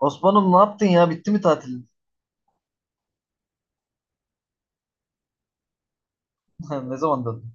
Osman'ım ne yaptın ya? Bitti mi tatilin? Ne zaman döndün?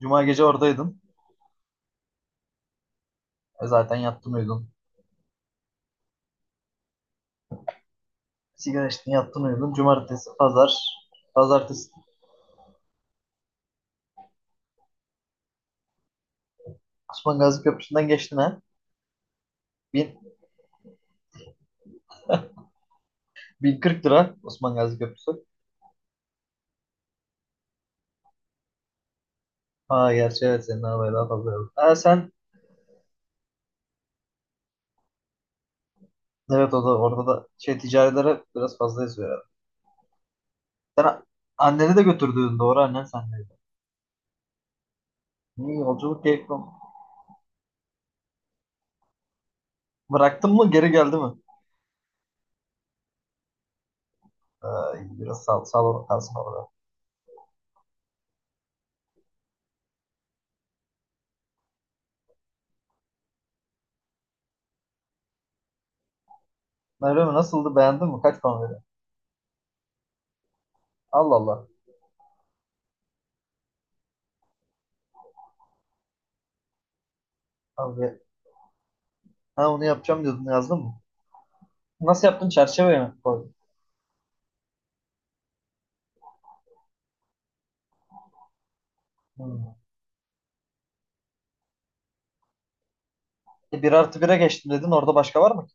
Cuma gece oradaydın. E zaten yattın uyudun. Sigara içtin yattın uyudun. Cumartesi, pazar. Pazartesi. Osman Gazi Köprüsü'nden geçtin, ha. Bin, 1040 lira Osman Gazi Köprüsü. Ha, gerçi evet, senin arabaya daha fazla yazdı. Ha sen, evet, o da orada da şey ticarilere biraz fazla yazıyor herhalde. Sen anneni de götürdün, doğru, annen sendeydi. İyi yolculuk keyifli olmuş. Bıraktın mı, geri geldi mi? Ha, iyi, biraz sağ olun, kalsın orada. Meryem nasıldı, beğendin mi? Kaç puan? Allah Allah. Abi, ha, onu yapacağım diyordun, yazdın mı? Nasıl yaptın? Çerçeveye mi koydun? Hmm. E, 1 artı bire geçtim dedin. Orada başka var mı ki?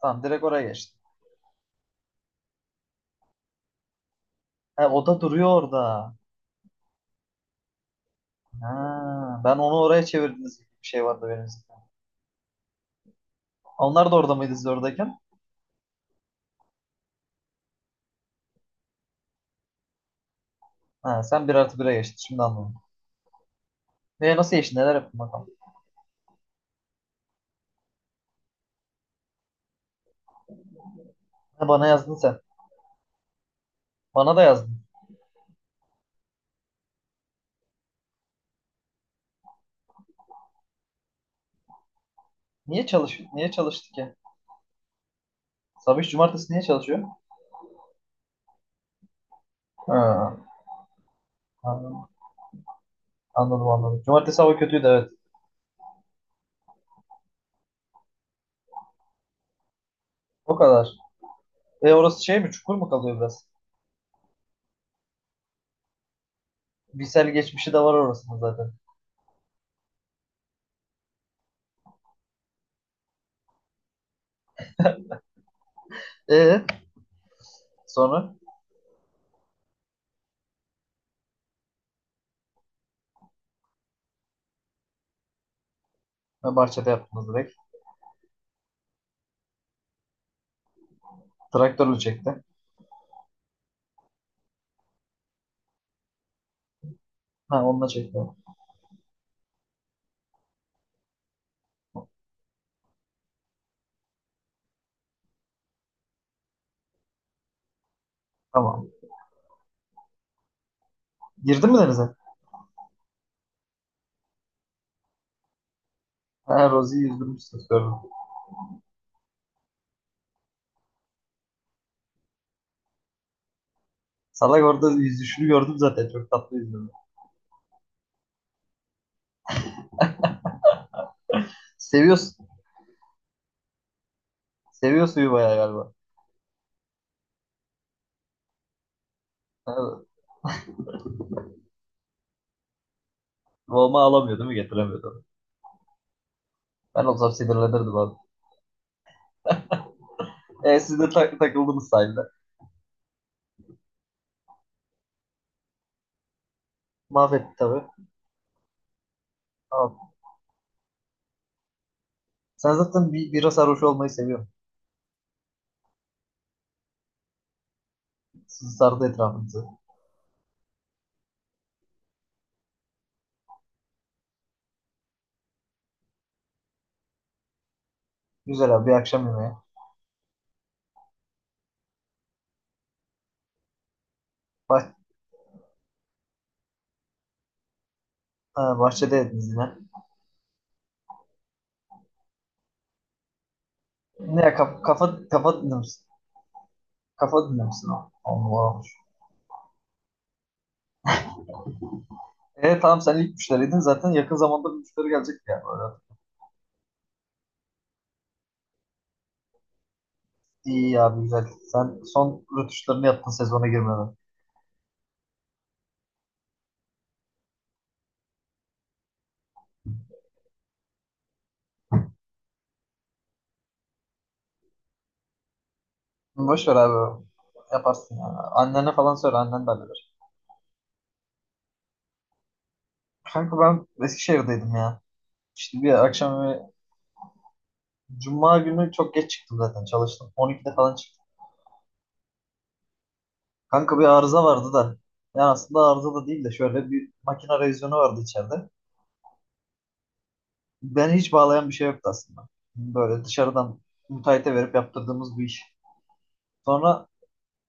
Tamam, direkt oraya geçtim. He, o da duruyor orada. Ha, ben onu oraya çevirdiniz gibi bir şey vardı benim zihnimde. Onlar da orada mıydı siz oradayken? Ha, sen bir artı bire geçtin. Şimdi anladım. Ve nasıl geçtin? Neler yaptın bakalım? He, bana yazdın sen. Bana da yazdın. Niye çalıştı ki? Sabah cumartesi niye çalışıyor? Ha, anladım, anladım, anladım. Cumartesi hava kötüydü, evet. O kadar. E, orası şey mi? Çukur mu kalıyor biraz? Bilsel geçmişi de var orasında zaten. E sonra, ha, Barça'da yaptınız direkt. Traktörle çekti. Ha, onunla çekti. Tamam. Girdin mi denize? Ha, Rozi'yi yüzdürmüşsünüz gördüm. Salak, orada yüzüşünü gördüm zaten. Çok tatlı yüzdürdü. Seviyorsun. Seviyor suyu bayağı galiba. Ha, Volma alamıyor değil mi? Getiremiyordu. Ben olsam sinirlenirdim abi. E siz de takıldınız sahilde. Mahvetti tabii. Tamam. Sen zaten bira sarhoş olmayı seviyorsun. Sizi sardı etrafınızı. Güzel abi, bir akşam yemeği. Ha, bahçedeydiniz yine. Ne kafa kafa kafa dinlemişsin. Kafa dinlemişsin o. Allah olmuş. E tamam, sen ilk müşteriydin zaten, yakın zamanda bir müşteri gelecek ya böyle. İyi ya, güzel. Sen son rötuşlarını yaptın sezona girmeden. Boş ver abi. Yaparsın yani. Annene falan söyle, annen de halleder. Kanka ben Eskişehir'deydim ya. İşte bir akşam bir Cuma günü çok geç çıktım zaten, çalıştım. 12'de falan çıktım. Kanka bir arıza vardı da. Yani aslında arıza da değil de şöyle bir makine revizyonu vardı içeride. Ben hiç bağlayan bir şey yoktu aslında. Böyle dışarıdan müteahhite verip yaptırdığımız bir iş. Sonra,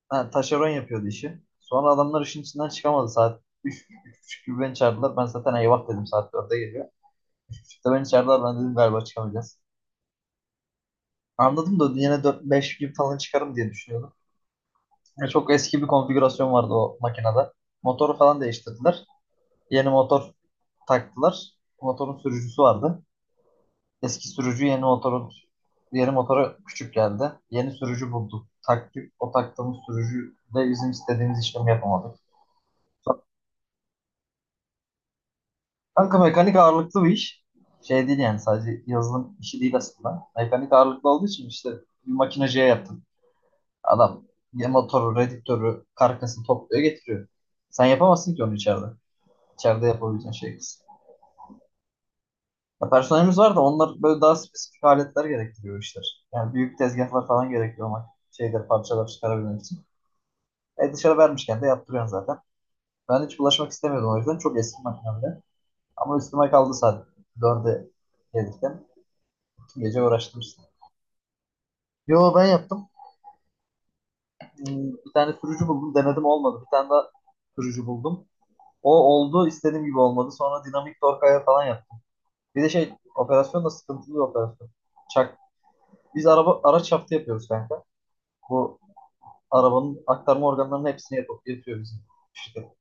ha, taşeron yapıyordu işi. Sonra adamlar işin içinden çıkamadı, saat 3, 3.30 gibi beni çağırdılar. Ben zaten eyvah dedim, saat 4'e geliyor. 3.30'da beni çağırdılar, ben dedim galiba çıkamayacağız. Anladım da yine 4 beş gibi falan çıkarım diye düşünüyordum. Ya çok eski bir konfigürasyon vardı o makinede. Motoru falan değiştirdiler. Yeni motor taktılar. Motorun sürücüsü vardı. Eski sürücü yeni motoru, yeni motora küçük geldi. Yeni sürücü bulduk. Taktik o taktığımız sürücü de bizim istediğimiz işlemi yapamadık. Kanka mekanik ağırlıklı bir iş. Şey değil yani, sadece yazılım işi değil aslında. Mekanik ağırlıklı olduğu için işte bir makineciye yaptım. Adam ya motoru, redüktörü, karkasını topluyor getiriyor. Sen yapamazsın ki onu içeride. İçeride yapabileceğin şey kız. Ya personelimiz var da onlar böyle daha spesifik aletler gerektiriyor işler. Yani büyük tezgahlar falan gerekiyor ama şeyler parçalar çıkarabilmek için. E dışarı vermişken de yaptırıyorsun zaten. Ben hiç bulaşmak istemiyordum o yüzden. Çok eski makine bile. Ama üstüme kaldı saat 4'e gelirken. 2 gece uğraştım işte. Yo, ben yaptım. Bir tane sürücü buldum. Denedim, olmadı. Bir tane daha sürücü buldum. O oldu, istediğim gibi olmadı. Sonra dinamik torkaya falan yaptım. Bir de şey, operasyon da sıkıntılı bir operasyon. Çak. Biz araba araç şaftı yapıyoruz kanka. Bu arabanın aktarma organlarının hepsini yapıp yapıyor bizim. İşte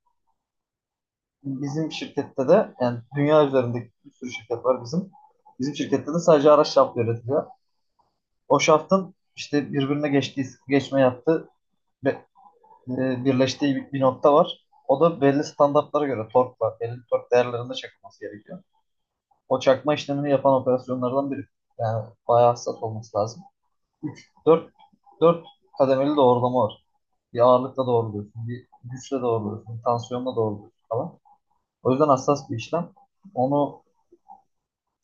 bizim şirkette de yani, dünya üzerindeki bir sürü şirket var bizim. Bizim şirkette de sadece araç şaftı üretiliyor. O şaftın işte birbirine geçtiği, geçme yaptığı ve, e, birleştiği bir nokta var. O da belli standartlara göre torkla, belli tork değerlerinde çakılması gerekiyor. O çakma işlemini yapan operasyonlardan biri. Yani bayağı hassas olması lazım. 3, 4, 4 kademeli doğrulama var. Bir ağırlıkla doğruluyorsun, bir güçle doğruluyorsun, bir tansiyonla doğruluyorsun falan. O yüzden hassas bir işlem. Onu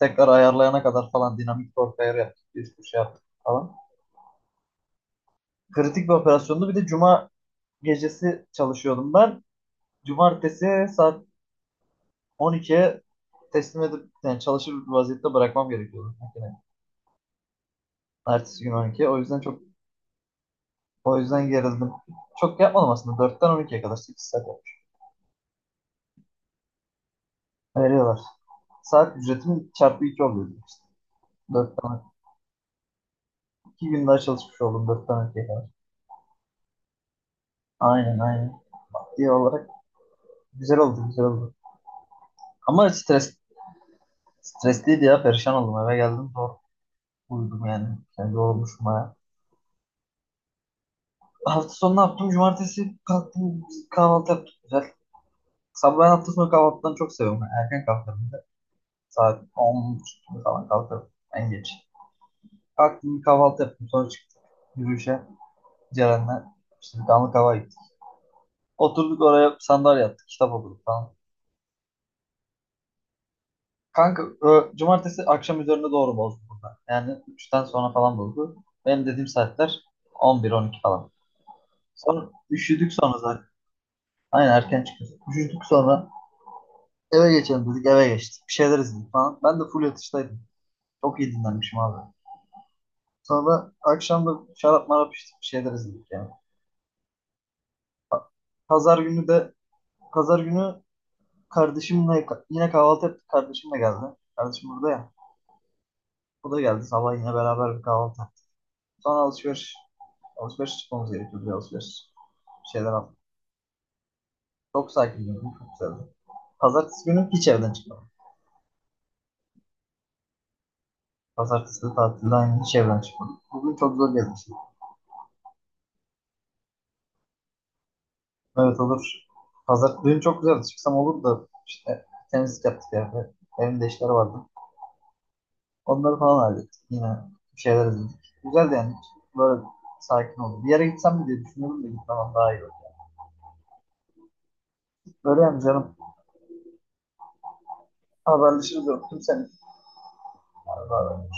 tekrar ayarlayana kadar falan dinamik bir ortaya yaptık. Bir sürü şey yaptık falan. Kritik bir operasyondu. Bir de cuma gecesi çalışıyordum ben. Cumartesi saat 12'ye teslim edip yani çalışır bir vaziyette bırakmam gerekiyordu yani. Ertesi gün 12. O yüzden gerildim. Çok yapmadım aslında. 4'ten 12'ye kadar 8 saat yapmış. Veriyorlar. Saat ücretim çarpı 2 oluyordu işte. 4'ten 2 gün daha çalışmış oldum, 4'ten 12'ye kadar. Aynen, aynen. İyi olarak güzel oldu, güzel oldu. Ama stres, stresliydi ya, perişan oldum, eve geldim zor uyudum yani. Yani yorulmuşum baya. Hafta sonu ne yaptım? Cumartesi kalktım, kahvaltı yaptık güzel. Sabah ben hafta sonu kahvaltıdan çok seviyorum. Yani erken kalkarım bir de. Saat 10 falan kalkarım en geç. Kalktım bir kahvaltı yaptım, sonra çıktım yürüyüşe Ceren'le. İşte bir damlık hava gittik. Oturduk oraya, sandalye yaptık, kitap okuduk falan. Kanka cumartesi akşam üzerine doğru bozdu burada. Yani 3'ten sonra falan bozdu. Benim dediğim saatler 11-12 falan. Sonra üşüdük sonra zaten. Aynen, erken çıkıyoruz. Üşüdük sonra, eve geçelim dedik, eve geçtik. Bir şeyler izledik falan. Ben de full yatıştaydım. Çok iyi dinlenmişim abi. Sonra akşam da şarap marap içtik, bir şeyler izledik yani. Pazar günü de pazar günü kardeşimle yine kahvaltı yaptık. Kardeşim de geldi. Kardeşim burada ya. O da geldi sabah, yine beraber bir kahvaltı. Sonra alışveriş. Alışveriş çıkmamız gerekiyordu. Bir alışveriş. Bir şeyler aldık. Çok sakin Çok güzeldi. Pazartesi günü hiç evden çıkmadım. Pazartesi de tatilde aynı, hiç evden çıkmadım. Bugün çok zor gelmişim. Evet olur. Pazar dün çok güzeldi. Çıksam olur da işte temizlik yaptık ya. Evimde işler vardı. Onları falan hallettik. Yine bir şeyler izledik. Güzeldi yani. Böyle sakin oldu. Bir yere gitsem mi diye düşünüyorum da gitmem daha iyi olur. Böyle yani canım. Haberleşiriz. Öptüm seni. Bay